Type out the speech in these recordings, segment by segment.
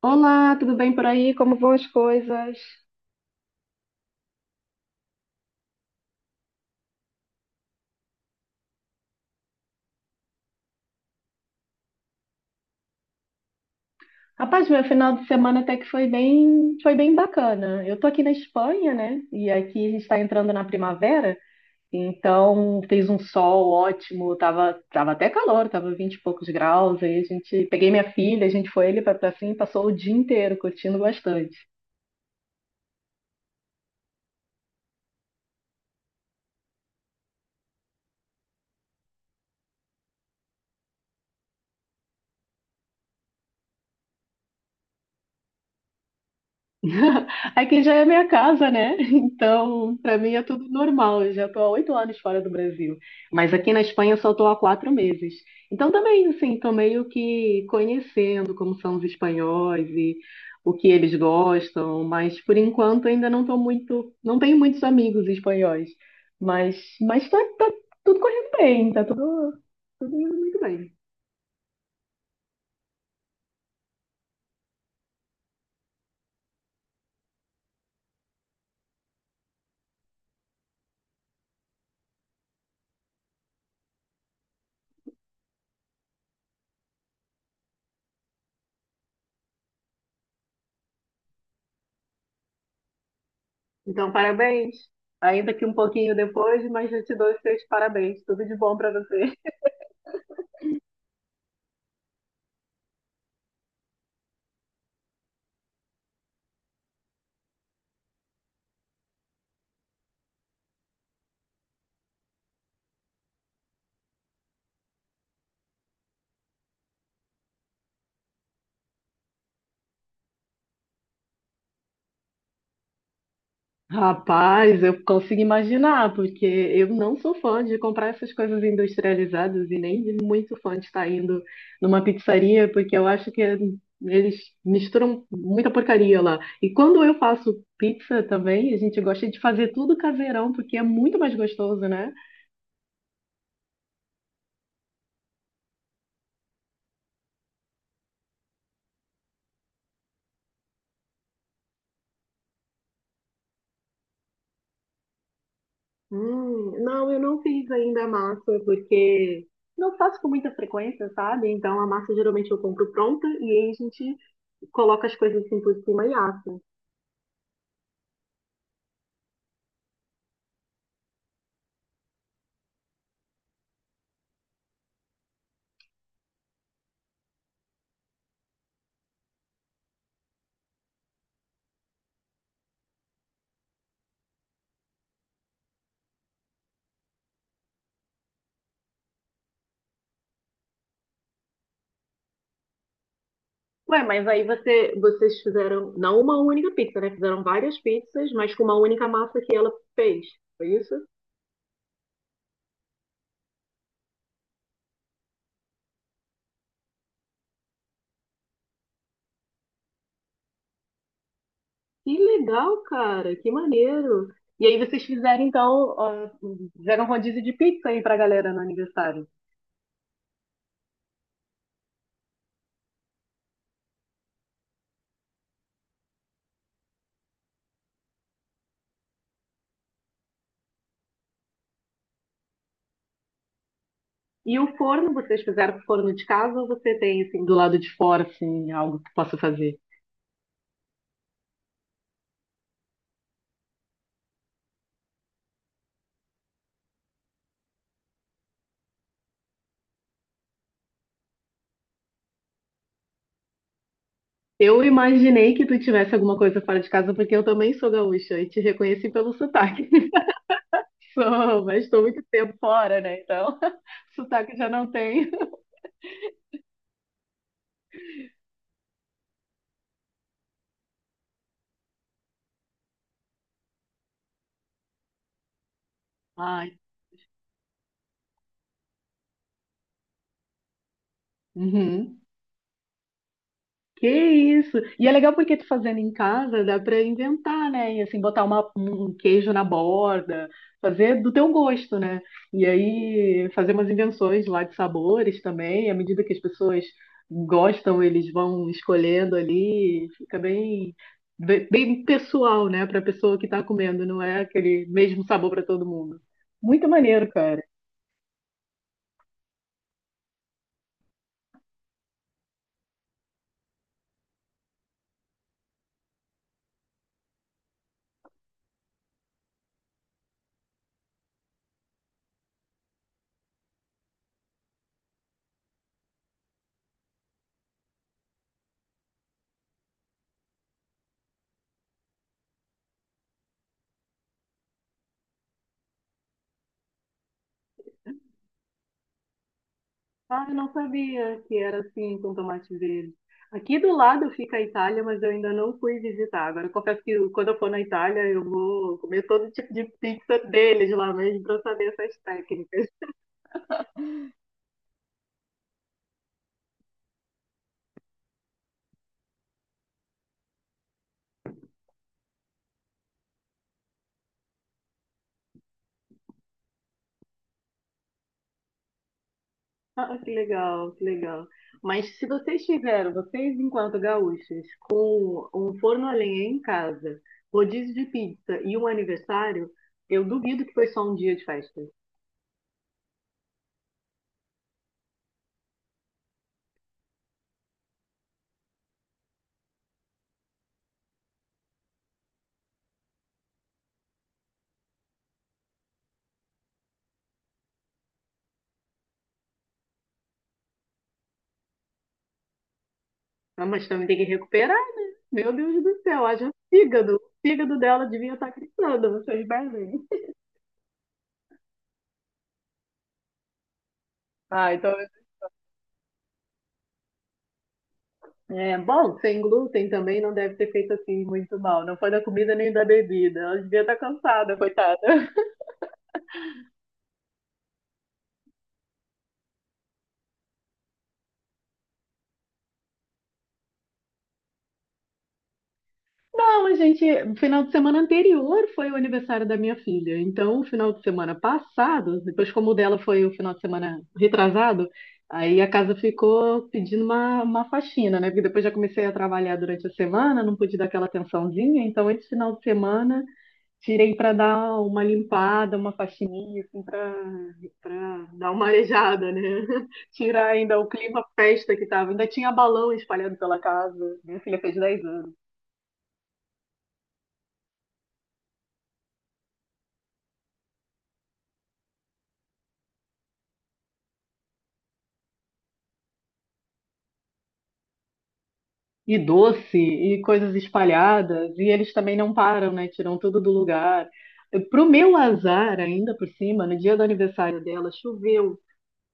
Olá, tudo bem por aí? Como vão as coisas? Rapaz, meu final de semana até que foi bem bacana. Eu tô aqui na Espanha, né? E aqui a gente está entrando na primavera, então fez um sol ótimo, tava até calor, tava 20 e poucos graus. Aí a gente peguei minha filha, a gente foi ali para pra pra e passou o dia inteiro curtindo bastante. Aqui já é minha casa, né? Então, para mim é tudo normal. Eu já estou há 8 anos fora do Brasil. Mas aqui na Espanha eu só estou há 4 meses. Então, também, assim, estou meio que conhecendo como são os espanhóis e o que eles gostam. Mas, por enquanto, ainda não estou muito. Não tenho muitos amigos espanhóis. Mas tá tudo correndo bem. Tá tudo indo muito bem. Então, parabéns. Ainda que um pouquinho depois, mas eu te dou os seus parabéns. Tudo de bom para você. Rapaz, eu consigo imaginar, porque eu não sou fã de comprar essas coisas industrializadas e nem muito fã de estar indo numa pizzaria, porque eu acho que eles misturam muita porcaria lá. E quando eu faço pizza também, a gente gosta de fazer tudo caseirão, porque é muito mais gostoso, né? Não, eu não fiz ainda a massa, porque não faço com muita frequência, sabe? Então a massa geralmente eu compro pronta e aí a gente coloca as coisas assim por cima e assa. Ué, mas aí você, vocês fizeram não uma única pizza, né? Fizeram várias pizzas, mas com uma única massa que ela fez. Foi isso? Que legal, cara. Que maneiro. E aí vocês fizeram, então, ó, fizeram rodízio de pizza aí pra galera no aniversário. E o forno, vocês fizeram forno de casa ou você tem, assim, do lado de fora, assim, algo que possa fazer? Eu imaginei que tu tivesse alguma coisa fora de casa, porque eu também sou gaúcha e te reconheci pelo sotaque. Sou, mas estou muito tempo fora, né? Então, sotaque já não tenho. Ai, uhum. Que isso! E é legal porque tu fazendo em casa, dá pra inventar, né? E assim, botar uma- um queijo na borda, fazer do teu gosto, né? E aí, fazer umas invenções lá de sabores também, à medida que as pessoas gostam, eles vão escolhendo ali, fica bem, bem, bem pessoal, né? Pra pessoa que tá comendo, não é aquele mesmo sabor pra todo mundo. Muito maneiro, cara. Ah, eu não sabia que era assim com tomate verde. Aqui do lado fica a Itália, mas eu ainda não fui visitar. Agora, eu confesso que quando eu for na Itália, eu vou comer todo tipo de pizza deles lá mesmo para saber essas técnicas. Ah, que legal, que legal. Mas se vocês tiveram, vocês enquanto gaúchos, com um forno a lenha em casa, rodízio de pizza e um aniversário, eu duvido que foi só um dia de festa. Ah, mas também tem que recuperar, né? Meu Deus do céu, haja fígado. O fígado dela devia estar gritando, vocês bebem. Ah, então. É, bom, sem glúten também não deve ter feito assim muito mal. Não foi da comida nem da bebida. Ela devia estar cansada, coitada. Não, a gente, final de semana anterior foi o aniversário da minha filha. Então, o final de semana passado, depois como o dela foi o final de semana retrasado, aí a casa ficou pedindo uma faxina, né? Porque depois já comecei a trabalhar durante a semana, não pude dar aquela atençãozinha. Então, esse final de semana tirei para dar uma limpada, uma faxininha, assim, para dar uma arejada, né? Tirar ainda o clima festa que tava. Ainda tinha balão espalhado pela casa. Minha filha fez 10 anos. E doce e coisas espalhadas, e eles também não param, né? Tiram tudo do lugar. Pro meu azar, ainda por cima, no dia do aniversário dela, choveu.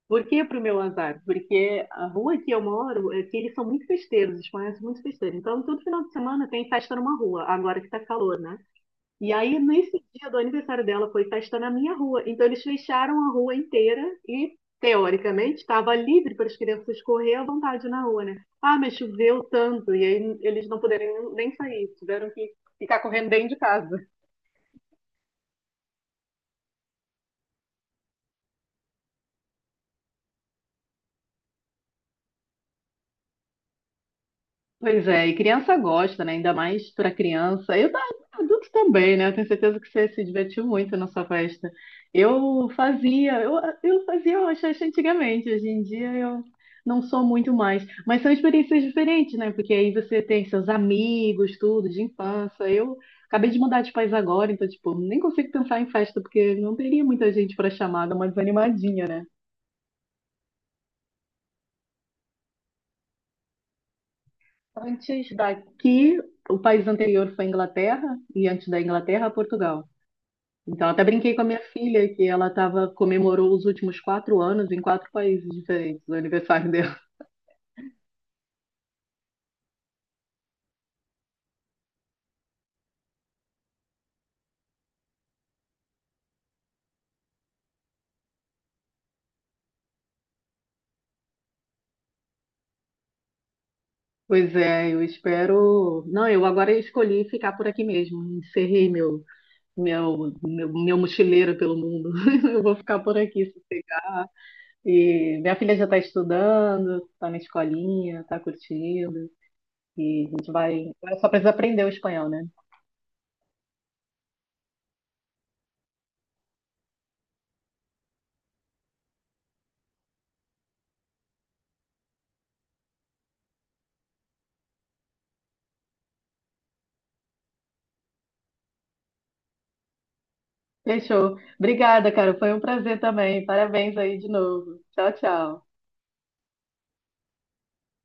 Por que pro meu azar? Porque a rua que eu moro, é que eles são muito festeiros, os espanhóis são muito festeiros. Então, todo final de semana tem festa numa rua, agora que tá calor, né? E aí, nesse dia do aniversário dela, foi festa na minha rua. Então, eles fecharam a rua inteira e, teoricamente, estava livre para as crianças correr à vontade na rua, né? Ah, mas choveu tanto, e aí eles não puderam nem sair, tiveram que ficar correndo dentro de casa. Pois é, e criança gosta, né? Ainda mais para criança. Adulto também, né? Eu tenho certeza que você se divertiu muito na sua festa. Eu fazia, eu, eu fazia rochacha antigamente, hoje em dia eu não sou muito mais. Mas são experiências diferentes, né? Porque aí você tem seus amigos, tudo, de infância. Eu acabei de mudar de país agora, então, tipo, nem consigo pensar em festa, porque não teria muita gente para chamar, dá uma desanimadinha, né? Antes daqui, o país anterior foi a Inglaterra, e antes da Inglaterra, Portugal. Então, até brinquei com a minha filha que ela tava, comemorou os últimos 4 anos em quatro países diferentes, o aniversário dela. Pois é, eu espero. Não, eu agora escolhi ficar por aqui mesmo. Encerrei meu mochileiro pelo mundo. Eu vou ficar por aqui, sossegar. E minha filha já está estudando, está na escolinha, está curtindo. E a gente vai. Agora só precisa aprender o espanhol, né? Fechou. Obrigada, cara. Foi um prazer também. Parabéns aí de novo. Tchau, tchau.